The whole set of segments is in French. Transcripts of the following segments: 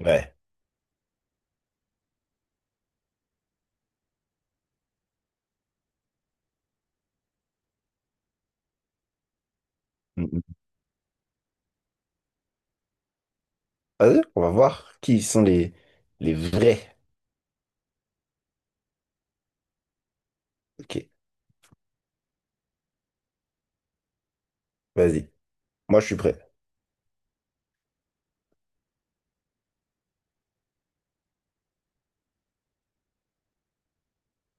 Ouais. Mm, mm. Vas-y, on va voir qui sont les vrais. Ok, vas-y. Moi, je suis prêt.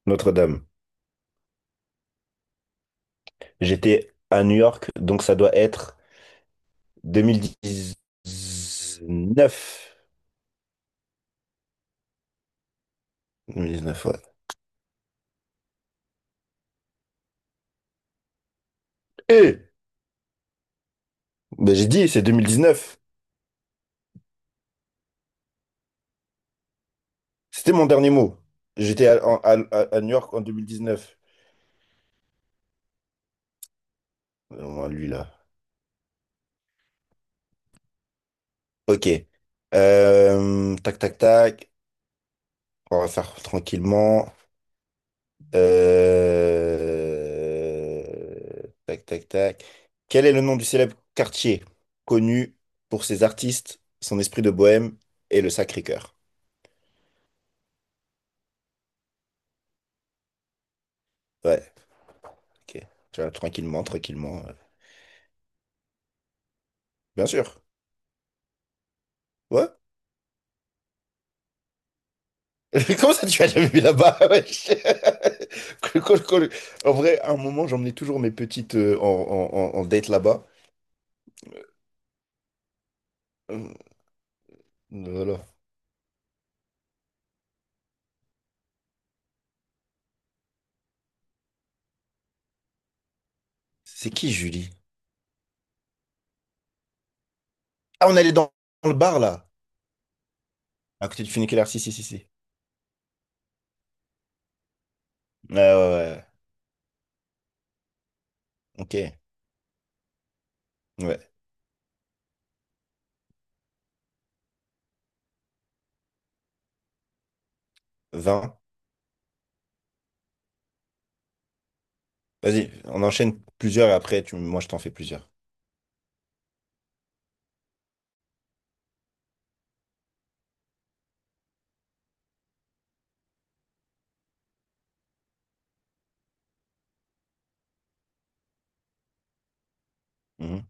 Notre-Dame. J'étais à New York, donc ça doit être 2019. 2019, ouais. Eh! Ben, j'ai dit, c'est 2019. C'était mon dernier mot. J'étais à New York en 2019. Ouais, lui, là. Ok. Tac, tac, tac. On va faire tranquillement. Tac, tac, tac. Quel est le nom du célèbre quartier connu pour ses artistes, son esprit de bohème et le Sacré-Cœur? Ouais, ok. Tu vois, tranquillement, tranquillement. Bien sûr. Ouais. Comment ça, tu as jamais vu là-bas? wesh Cool, cool, cool. En vrai, à un moment, j'emmenais toujours mes petites en date là-bas. Euh, Voilà. C'est qui, Julie? Ah, on allait dans le bar, là, à côté du funiculaire. Si, si, si, si. Ouais, ouais, ouais. Ok. Ouais. 20. Vas-y, on enchaîne plusieurs et après, moi, je t'en fais plusieurs. Mhm.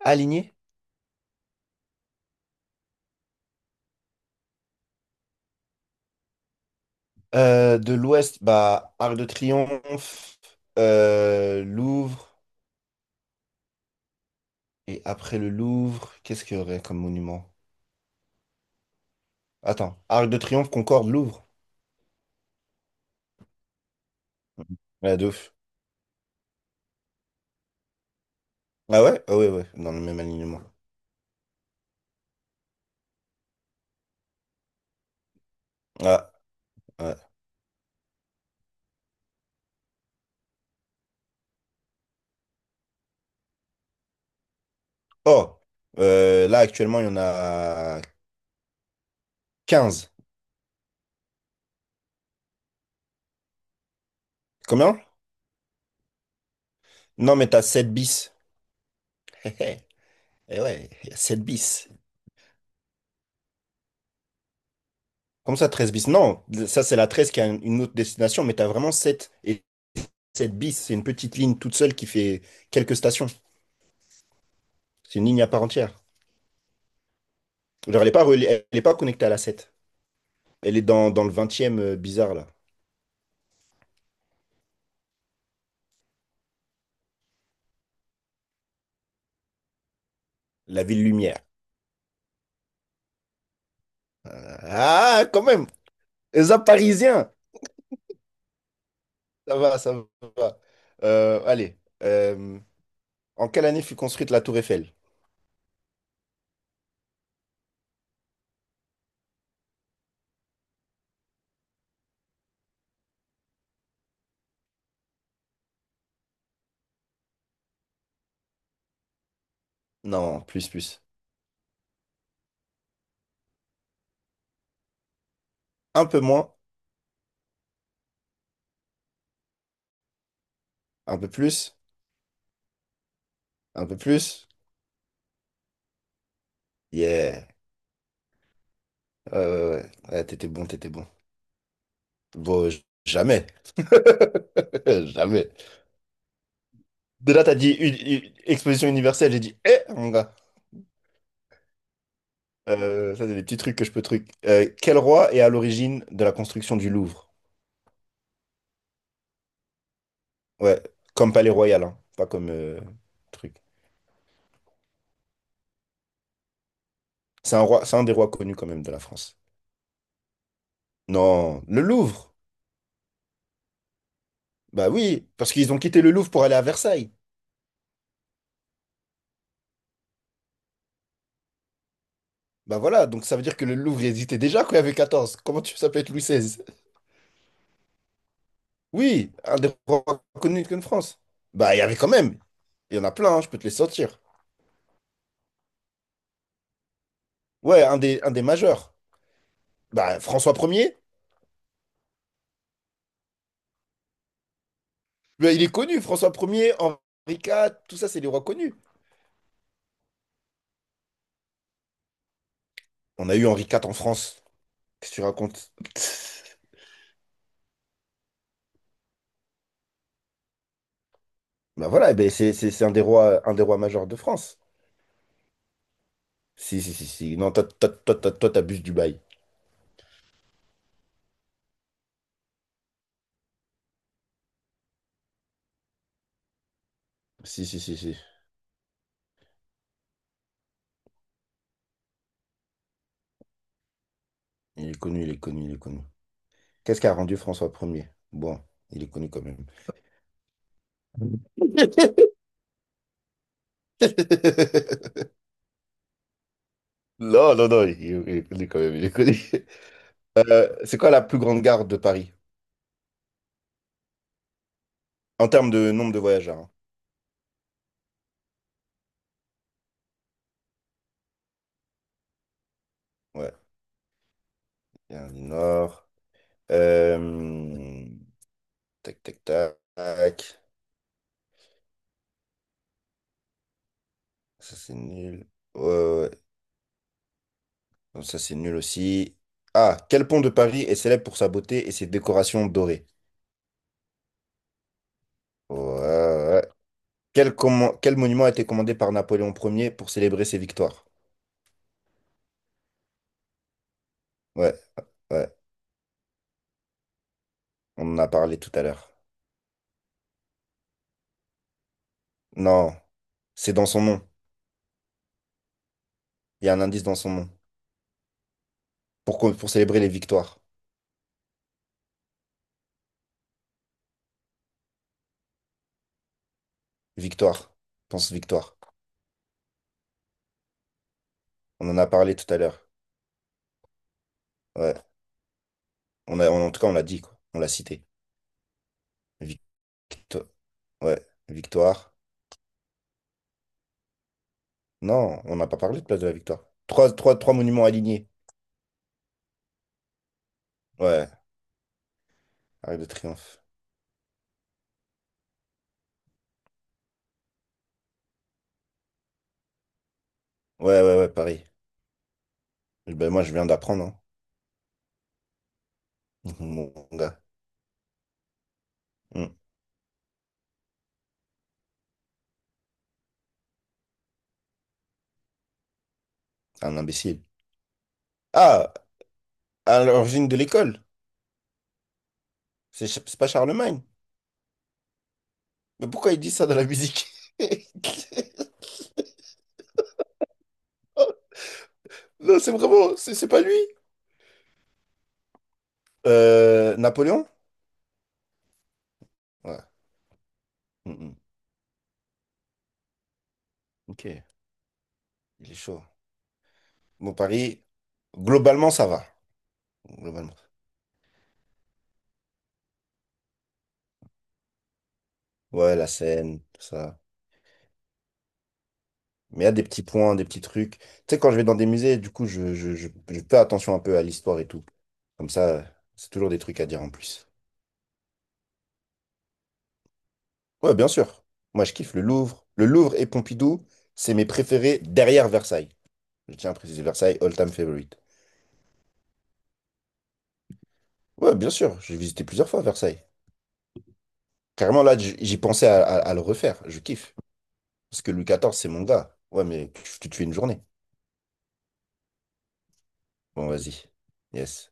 Aligné. De l'Ouest, bah, Arc de Triomphe, Louvre, et après le Louvre, qu'est-ce qu'il y aurait comme monument? Attends, Arc de Triomphe, Concorde, Louvre. Mhm. Ouais, de ouf. Ah ouais? Ah ouais, ouais, dans le même alignement. Ah, ouais. Oh, là, actuellement, il y en a 15. Combien? Non, mais t'as 7 bis. Et ouais, il y a 7 bis. Comme ça, 13 bis. Non, ça, c'est la 13 qui a une autre destination, mais tu as vraiment 7 et 7 bis. C'est une petite ligne toute seule qui fait quelques stations. C'est une ligne à part entière. Genre, elle n'est pas, elle est pas connectée à la 7. Elle est dans le vingtième, bizarre, là. La Ville Lumière. Ah, quand même! Les Parisiens! Ça va, ça va. Allez. En quelle année fut construite la Tour Eiffel? Non, plus, plus. Un peu moins, un peu plus, un peu plus. Yeah. Ouais, ouais, ouais. Ouais, t'étais bon, t'étais bon. Bon, jamais. Jamais. De là, t'as dit une exposition universelle. J'ai dit, eh, mon gars. Ça, c'est des petits trucs que je peux truc. Quel roi est à l'origine de la construction du Louvre? Ouais, comme palais royal, hein, pas comme truc. C'est un roi, c'est un des rois connus quand même de la France. Non, le Louvre. Bah oui, parce qu'ils ont quitté le Louvre pour aller à Versailles. Bah voilà, donc ça veut dire que le Louvre il existait déjà quand il y avait 14. Comment tu ça peut être Louis XVI? Oui, un des rois connus de France. Bah il y avait quand même. Il y en a plein, hein, je peux te les sortir. Ouais, un des majeurs. Bah, François Ier. Bah, il est connu, François Ier, Henri IV, tout ça, c'est des rois connus. On a eu Henri IV en France. Qu'est-ce que tu racontes? Bah voilà, eh ben, c'est un des rois majeurs de France. Si, si, si, si. Non, toi, toi, toi, toi, toi, t'abuses du bail. Si, si, si, si. Il est connu, il est connu, il est connu. Qu'est-ce qui a rendu François Ier? Bon, il est connu quand même. Non, non, non, il est connu quand même, il est connu. C'est quoi la plus grande gare de Paris? En termes de nombre de voyageurs, hein. Ouais, il y a un du Nord. Euh, Tac, tac, tac. Ça, c'est nul. Ouais, ouais, ouais. Non, ça, c'est nul aussi. Ah, quel pont de Paris est célèbre pour sa beauté et ses décorations dorées? Ouais, ouais. Quel monument a été commandé par Napoléon Ier pour célébrer ses victoires? Ouais, ouais. On en a parlé tout à l'heure. Non, c'est dans son nom. Il y a un indice dans son nom. Pour célébrer les victoires. Victoire. Pense victoire. On en a parlé tout à l'heure. Ouais. On a, en tout cas, on l'a dit, quoi. On l'a cité. Victoire. Ouais, victoire. Non, on n'a pas parlé de place de la victoire. Trois monuments alignés. Ouais, Arc de Triomphe. Ouais, ouais, ouais, Paris. Ben, moi, je viens d'apprendre, hein. Mon gars. Hmm, Un imbécile. Ah, à l'origine de l'école. C'est pas Charlemagne. Mais pourquoi il dit ça dans la musique? Non, c'est vraiment, c'est pas lui. Napoléon? Ouais. Mm, mm. Ok, il est chaud. Bon, Paris, globalement, ça va. Globalement. Ouais, la scène, tout ça. Mais il y a des petits points, des petits trucs. Tu sais, quand je vais dans des musées, du coup, je fais attention un peu à l'histoire et tout. Comme ça, c'est toujours des trucs à dire en plus. Ouais, bien sûr. Moi, je kiffe le Louvre. Le Louvre et Pompidou, c'est mes préférés derrière Versailles. Je tiens à préciser Versailles, all-time favorite. Ouais, bien sûr. J'ai visité plusieurs fois Versailles. Carrément, là, j'y pensais à le refaire. Je kiffe. Parce que Louis XIV, c'est mon gars. Ouais, mais tu tues une journée. Bon, vas-y. Yes.